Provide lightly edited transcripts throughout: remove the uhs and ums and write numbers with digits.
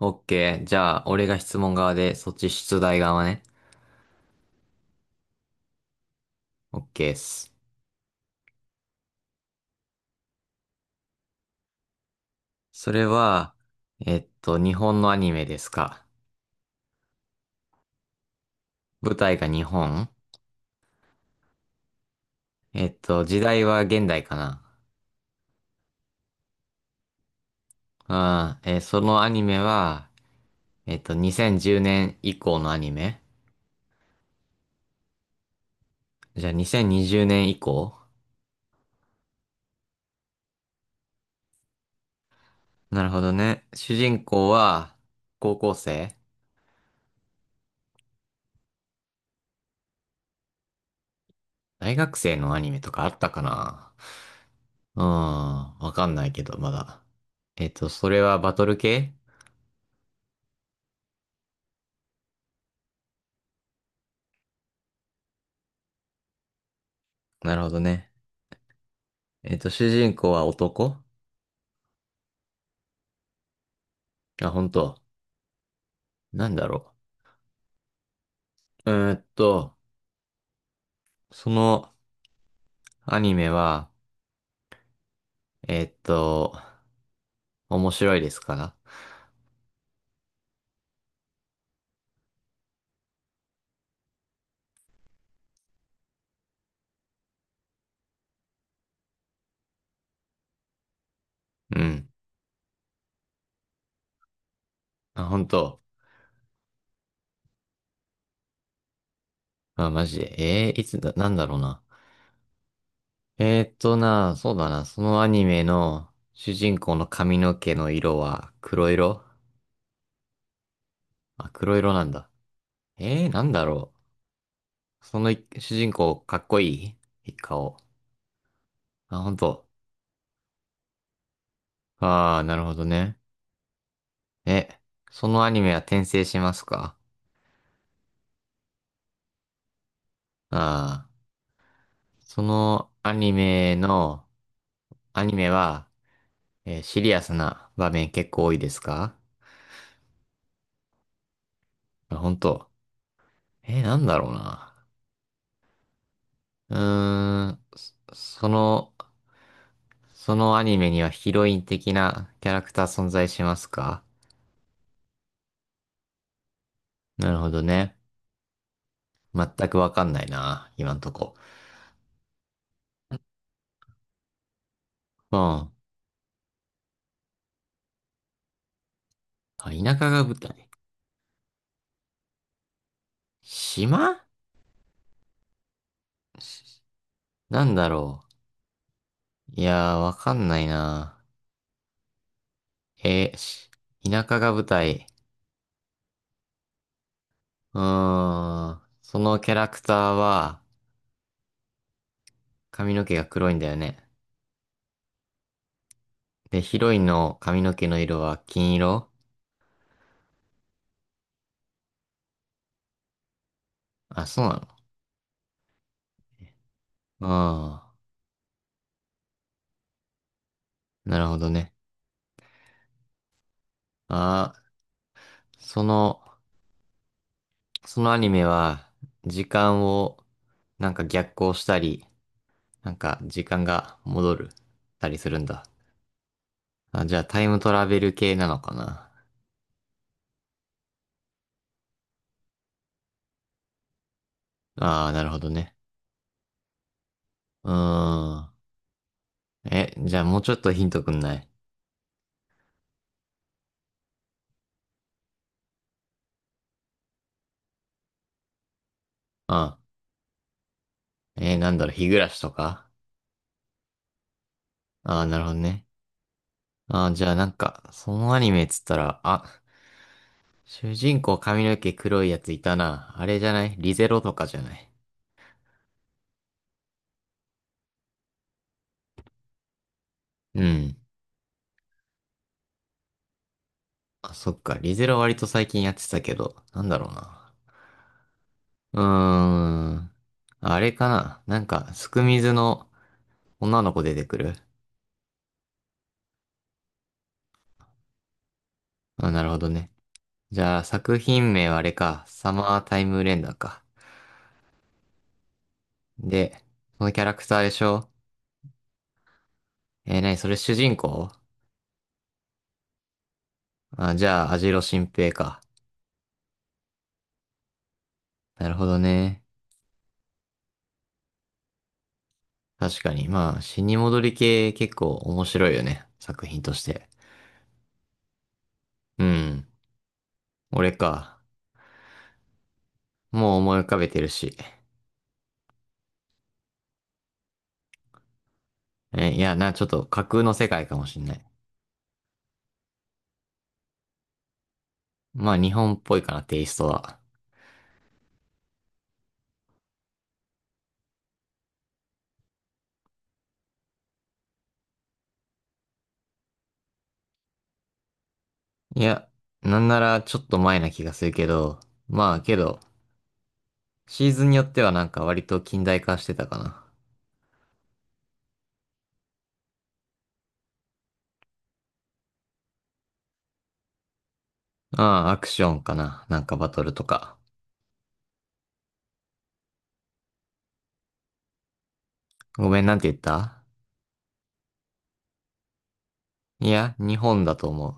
オッケー。じゃあ、俺が質問側で、そっち出題側ね。オッケーっす。それは、日本のアニメですか？舞台が日本？時代は現代かな？あー、そのアニメは、2010年以降のアニメ？じゃあ、2020年以降？なるほどね。主人公は、高校生？大学生のアニメとかあったかな？うーん、わかんないけど、まだ。それはバトル系？なるほどね。主人公は男？あ、本当。なんだろう。そのアニメは、えっと、面白いですか？うん。あ、本当。あ、マジで。いつだ、なんだろうな。そうだな。そのアニメの主人公の髪の毛の色は黒色？あ、黒色なんだ。なんだろう。そのい主人公かっこいい顔？あ、本当。ああ、なるほどね。え、そのアニメは転生しますか？ああ、そのアニメの、アニメは、シリアスな場面結構多いですか？あ本当。なんだろうな。うーん、そのアニメにはヒロイン的なキャラクター存在しますか？なるほどね。全くわかんないな、今んとこ。うん。あ、田舎が舞台。島？しなんだろう。いやー、わかんないな。えーし田舎が舞台。うーん。そのキャラクターは髪の毛が黒いんだよね。で、ヒロインの髪の毛の色は金色？あ、そうなの？ああなるほどね。ああ、その、そのアニメは時間をなんか逆行したり、なんか時間が戻る、たりするんだ。あ、じゃあタイムトラベル系なのかな？ああなるほどね。うーん。え、じゃあもうちょっとヒントくんない？あ、なんだろう、日暮らしとか？ああなるほどね。ああ、じゃあなんか、そのアニメっつったら、あ、主人公髪の毛黒いやついたな。あれじゃないリゼロとかじゃない？うん。あ、そっか。リゼロ割と最近やってたけど、なんだろうな。うーん。あれかななんか、すくみずの女の子出てくる？あ、なるほどね。じゃあ、作品名はあれか。サマータイムレンダーか。で、そのキャラクターでしょ？なにそれ主人公？あ、じゃあ、アジロ新平か。なるほどね。確かに。まあ、死に戻り系結構面白いよね。作品として。うん。俺か。もう思い浮かべてるし。え、いや、ちょっと架空の世界かもしんない。まあ、日本っぽいかな、テイストは。いや、なんならちょっと前な気がするけど、まあ、けど、シーズンによってはなんか割と近代化してたかな。ああ、アクションかな。なんかバトルとか。ごめん、なんて言った？いや、日本だと思う。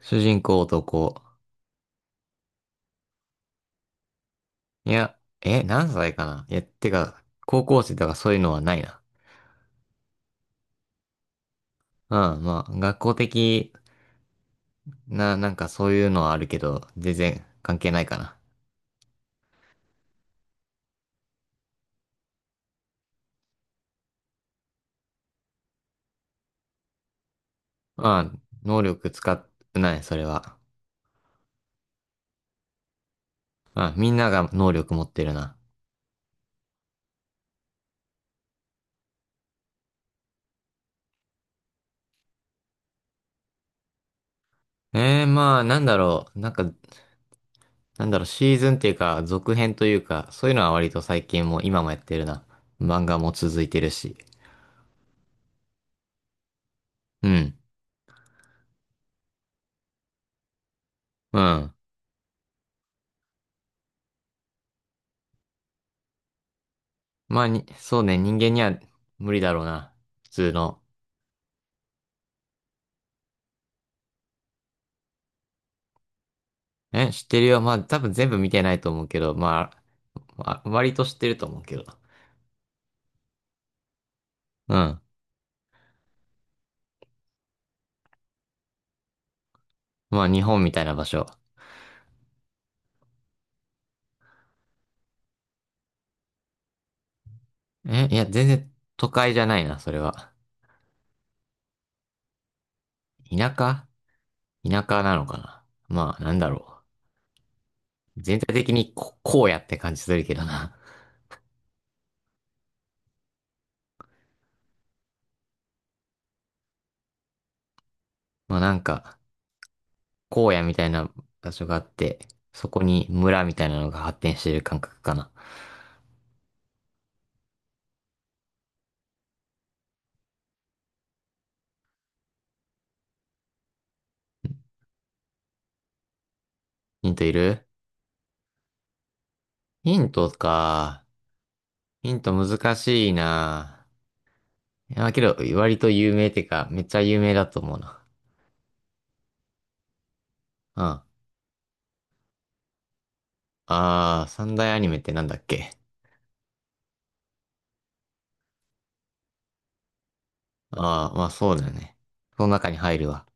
主人公男。いや、え、何歳かないや、てか、高校生とかそういうのはないな。うん、まあ、学校的な、なんかそういうのはあるけど、全然関係ないかな。うん、能力使ってない、それは。うん、みんなが能力持ってるな。まあ、なんだろう、なんか、なんだろう、シーズンっていうか、続編というか、そういうのは割と最近も、今もやってるな。漫画も続いてるし。うん、うん。まあ、そうね、人間には無理だろうな。普通の。え、知ってるよ。まあ、多分全部見てないと思うけど、まあ、割と知ってると思うけど。うん。まあ、日本みたいな場所。え、いや、全然都会じゃないな、それは。田舎田舎なのかな。まあ、なんだろう。全体的に荒野って感じするけどな。まあ、なんか、荒野みたいな場所があって、そこに村みたいなのが発展してる感覚かな。ヒントいる？ヒントか。ヒント難しいな。いや、けど、割と有名ってか、めっちゃ有名だと思うな。ああー、三大アニメってなんだっけ？ああー、まあそうだよね。その中に入るわ。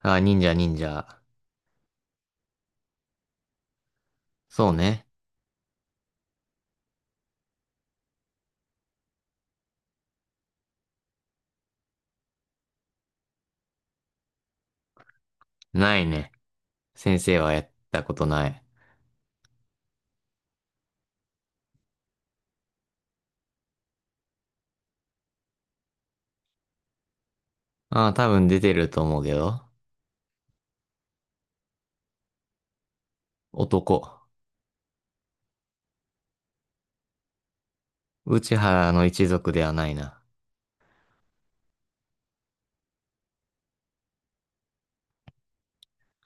ああ、忍者忍者。そうね。ないね。先生はやったことない。ああ、多分出てると思うけど。男。内原の一族ではないな。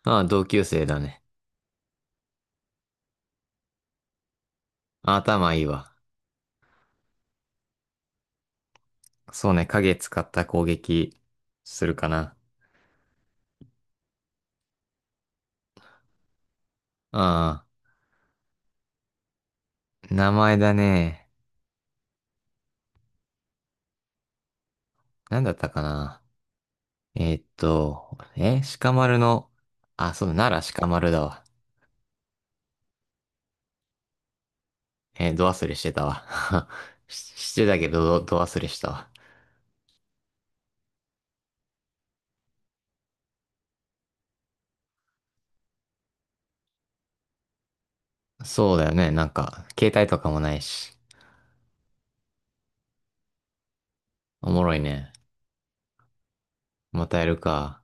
ああ、同級生だね。ああ、頭いいわ。そうね、影使った攻撃するかな。ああ、名前だね。なんだったかな。え、鹿丸の、あ、そうだ、奈良鹿丸だわ。ど忘れしてたわ。し、してたけど、ど忘れしたわ。そうだよね。なんか、携帯とかもないし。おもろいね。またやるか。